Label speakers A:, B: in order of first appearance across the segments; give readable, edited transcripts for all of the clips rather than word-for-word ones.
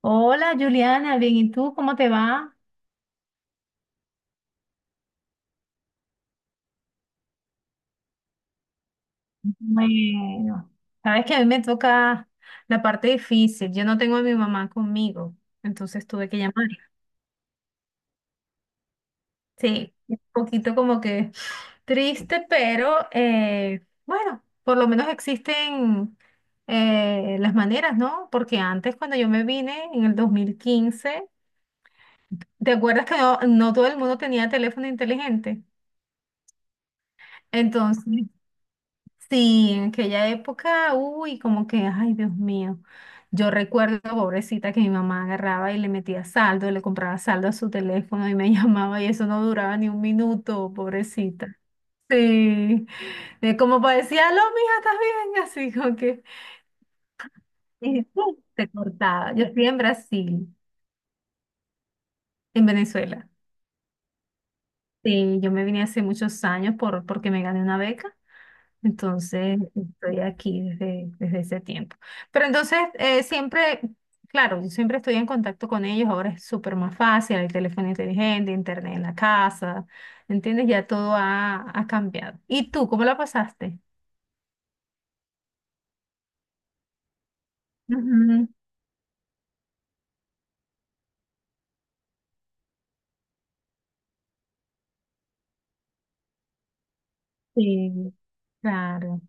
A: Hola Juliana, bien, ¿y tú cómo te va? Bueno, sabes que a mí me toca la parte difícil. Yo no tengo a mi mamá conmigo, entonces tuve que llamar. Sí, un poquito como que triste, pero bueno, por lo menos existen las maneras, ¿no? Porque antes cuando yo me vine en el 2015, ¿te acuerdas que no, no todo el mundo tenía teléfono inteligente? Entonces, sí, en aquella época, uy, como que, ay, Dios mío. Yo recuerdo, pobrecita, que mi mamá agarraba y le metía saldo, le compraba saldo a su teléfono y me llamaba y eso no duraba ni un minuto, pobrecita. Sí, de como parecía, aló, mija, ¿estás bien? Así como que, y ¡pum! Se cortaba. Yo estoy en Brasil, en Venezuela. Sí, yo me vine hace muchos años porque me gané una beca. Entonces, estoy aquí desde ese tiempo. Pero entonces, siempre, claro, yo siempre estoy en contacto con ellos, ahora es súper más fácil, hay teléfono inteligente, internet en la casa, ¿entiendes? Ya todo ha cambiado. ¿Y tú, cómo la pasaste? Ujú. Sí, claro,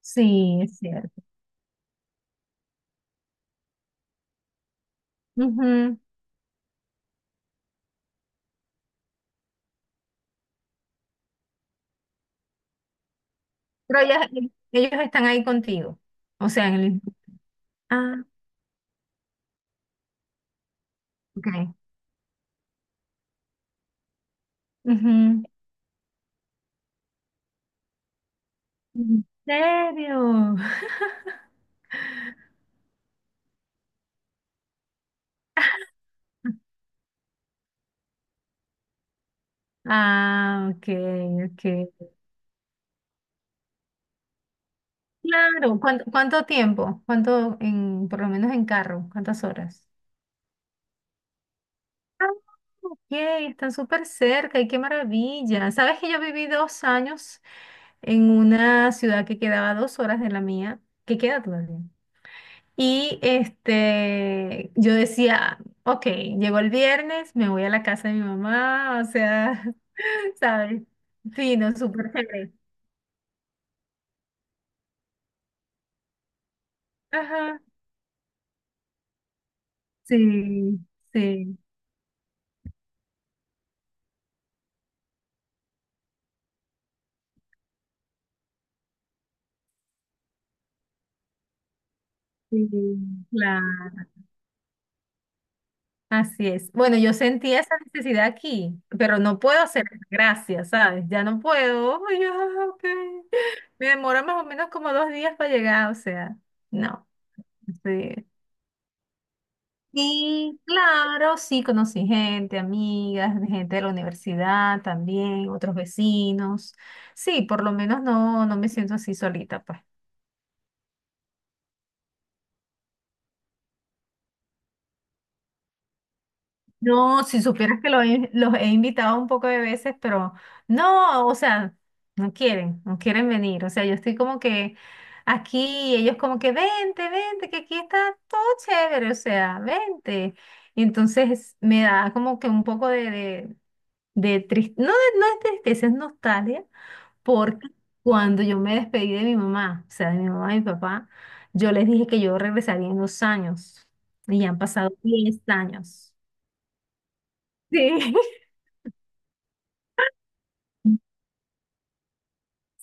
A: sí, es cierto. Ujú. Pero ellos están ahí contigo, o sea, en el... Ah, ok. Ujú. ¿En serio? Ah, ok, ok. Claro, ¿cuánto, cuánto tiempo? ¿Cuánto en, por lo menos en carro? ¿Cuántas horas? Ah, ok, están súper cerca y qué maravilla. Sabes que yo viví 2 años en una ciudad que quedaba a 2 horas de la mía, que queda todavía. Y este, yo decía, ok, llegó el viernes, me voy a la casa de mi mamá, o sea, ¿sabes? Fino, súper chévere. Ajá, sí, sí. Sí, claro, así es. Bueno, yo sentía esa necesidad aquí, pero no puedo hacer gracias, ¿sabes? Ya no puedo. Ay, ya, ok. Me demora más o menos como 2 días para llegar, o sea, no. Sí. Y claro, sí conocí gente, amigas, gente de la universidad también, otros vecinos. Sí, por lo menos no, no me siento así solita, pues. No, si supieras que los he invitado un poco de veces, pero no, o sea, no quieren, no quieren venir. O sea, yo estoy como que aquí, y ellos como que vente, vente, que aquí está todo chévere, o sea, vente. Y entonces me da como que un poco de no, no es tristeza, es nostalgia, porque cuando yo me despedí de mi mamá, o sea, de mi mamá y mi papá, yo les dije que yo regresaría en 2 años, y ya han pasado 10 años. Sí.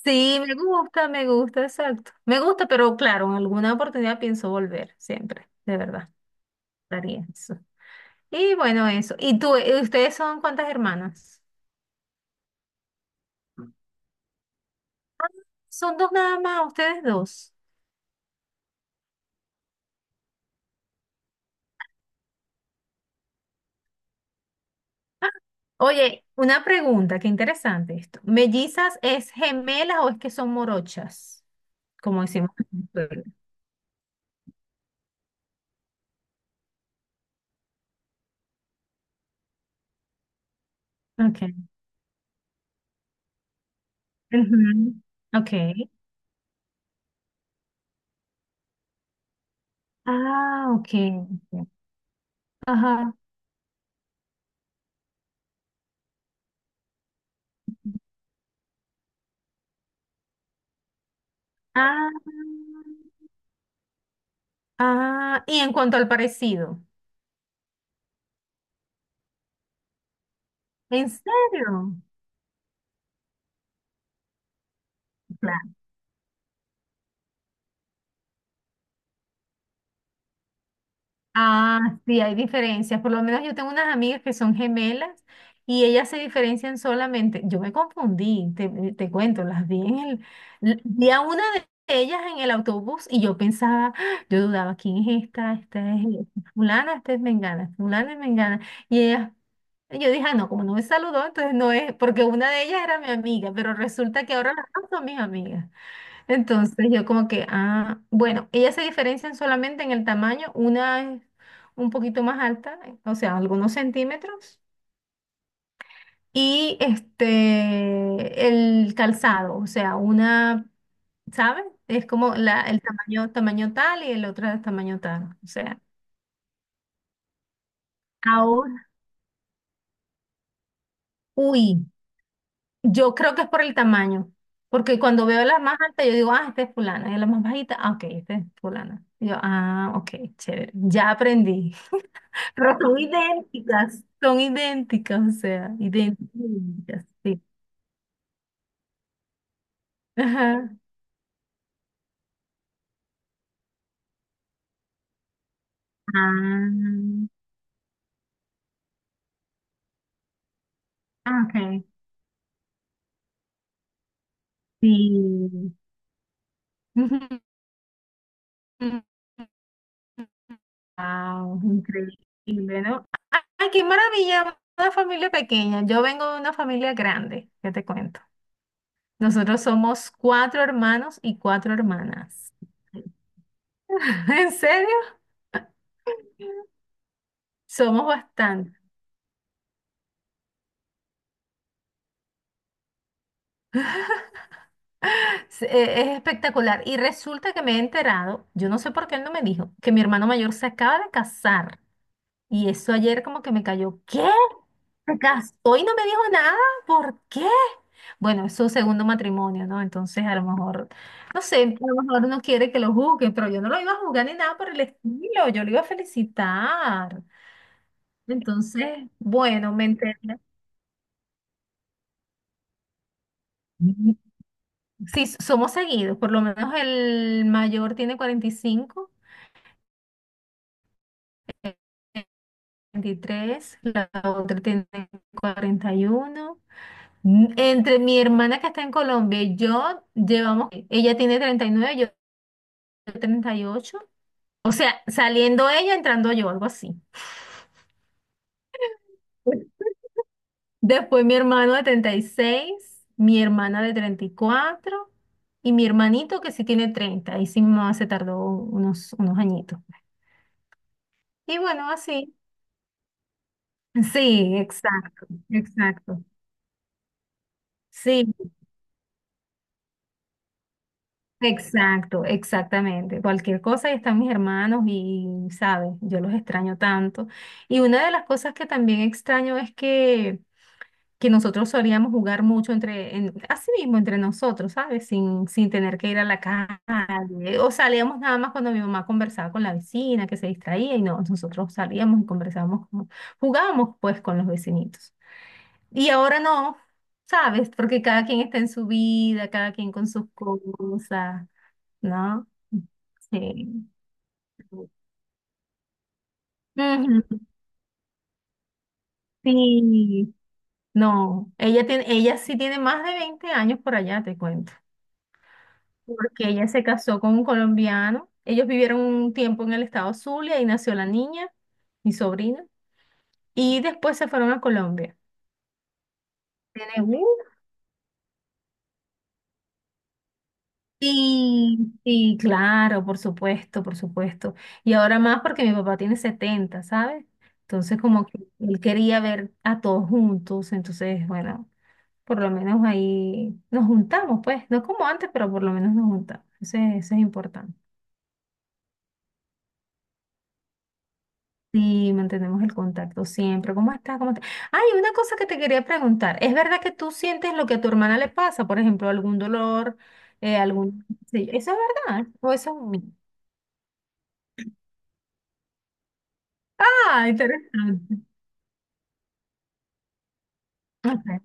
A: Sí, me gusta, exacto. Me gusta, pero claro, en alguna oportunidad pienso volver, siempre, de verdad, daría eso. Y bueno, eso. ¿Y tú, ustedes son cuántas hermanas? Son dos nada más, ustedes dos. Oye, una pregunta, qué interesante esto. ¿Mellizas es gemelas o es que son morochas? Como decimos en Venezuela. Okay. Ujú. Okay. Ah, okay. Ajá. Ah, ah, y en cuanto al parecido. ¿En serio? Claro. Ah, sí, hay diferencias. Por lo menos yo tengo unas amigas que son gemelas y ellas se diferencian solamente. Yo me confundí, te cuento, las vi en el... Vi a una de ellas en el autobús y yo pensaba, ¡ah! Yo dudaba, ¿quién es esta? Esta es fulana, esta es mengana, fulana es mengana. Y ellas, yo dije, "Ah, no, como no me saludó, entonces no es, porque una de ellas era mi amiga, pero resulta que ahora las dos son mis amigas. Entonces yo como que, ah, bueno, ellas se diferencian solamente en el tamaño, una es un poquito más alta, o sea, algunos centímetros, y este, el calzado, o sea, una, ¿sabes? Es como la, el tamaño, tamaño tal y el otro es tamaño tal, o sea, ahora, uy, yo creo que es por el tamaño, porque cuando veo las más altas yo digo, ah, esta es fulana, y la más bajita, ah, ok, esta es fulana. Y yo, ah, ok, chévere, ya aprendí. Pero son idénticas. Son idénticas, o sea, idénticas. Idénticas, sí. Ajá. Ah, ok. Sí. Wow, increíble, ¿no? Ah, ¡ay, qué maravilla! Una familia pequeña. Yo vengo de una familia grande, ya te cuento. Nosotros somos cuatro hermanos y cuatro hermanas. ¿En serio? Somos bastantes. Es espectacular. Y resulta que me he enterado, yo no sé por qué él no me dijo, que mi hermano mayor se acaba de casar. Y eso ayer como que me cayó, ¿qué? ¿Se casó y no me dijo nada? ¿Por qué? Bueno, es su segundo matrimonio, ¿no? Entonces a lo mejor, no sé, a lo mejor no quiere que lo juzguen, pero yo no lo iba a juzgar ni nada por el estilo, yo lo iba a felicitar. Entonces, bueno, me enteré. Sí, somos seguidos, por lo menos el mayor tiene 45 23, la otra tiene 41. Entre mi hermana que está en Colombia y yo llevamos, ella tiene 39, yo 38. O sea, saliendo ella, entrando yo, algo así. Después mi hermano de 36, mi hermana de 34 y mi hermanito que sí tiene 30. Y sí, mi mamá se tardó unos añitos. Y bueno, así. Sí, exacto, exacto. Sí, exacto, exactamente. Cualquier cosa, y están mis hermanos y, ¿sabes? Yo los extraño tanto. Y una de las cosas que también extraño es que nosotros solíamos jugar mucho entre así mismo entre nosotros, ¿sabes? Sin tener que ir a la calle. O salíamos nada más cuando mi mamá conversaba con la vecina, que se distraía, y no, nosotros salíamos y conversábamos, jugábamos pues con los vecinitos. Y ahora no, ¿sabes? Porque cada quien está en su vida, cada quien con sus cosas. ¿No? Sí. Ujú, sí. No, ella tiene, ella sí tiene más de 20 años por allá, te cuento. Porque ella se casó con un colombiano. Ellos vivieron un tiempo en el estado Zulia y nació la niña, mi sobrina. Y después se fueron a Colombia. Tiene un- Sí, sí, claro, por supuesto, por supuesto. Y ahora más porque mi papá tiene 70, ¿sabes? Entonces como que él quería ver a todos juntos, entonces, bueno, por lo menos ahí nos juntamos, pues, no como antes, pero por lo menos nos juntamos. Eso es importante. Sí, mantenemos el contacto siempre. ¿Cómo estás? ¿Cómo estás? Ay, una cosa que te quería preguntar. ¿Es verdad que tú sientes lo que a tu hermana le pasa? Por ejemplo, algún dolor, algún... Sí, ¿eso es verdad? ¿O eso es un mito? Ah, interesante. Ok.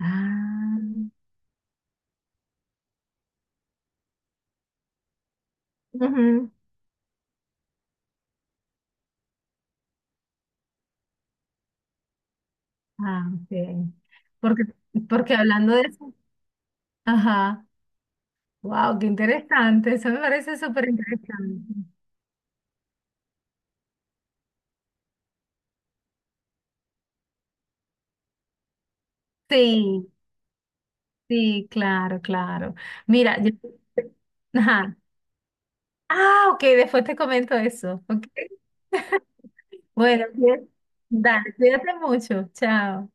A: Ah, ujú. Ah, ok. Porque, porque hablando de eso... Ajá. Wow, qué interesante. Eso me parece súper interesante. Sí, sí, claro, claro. Mira, yo... Ajá. Ah, ok, después te comento eso. Ok. Bueno, bien. Dale, cuídate mucho. Chao.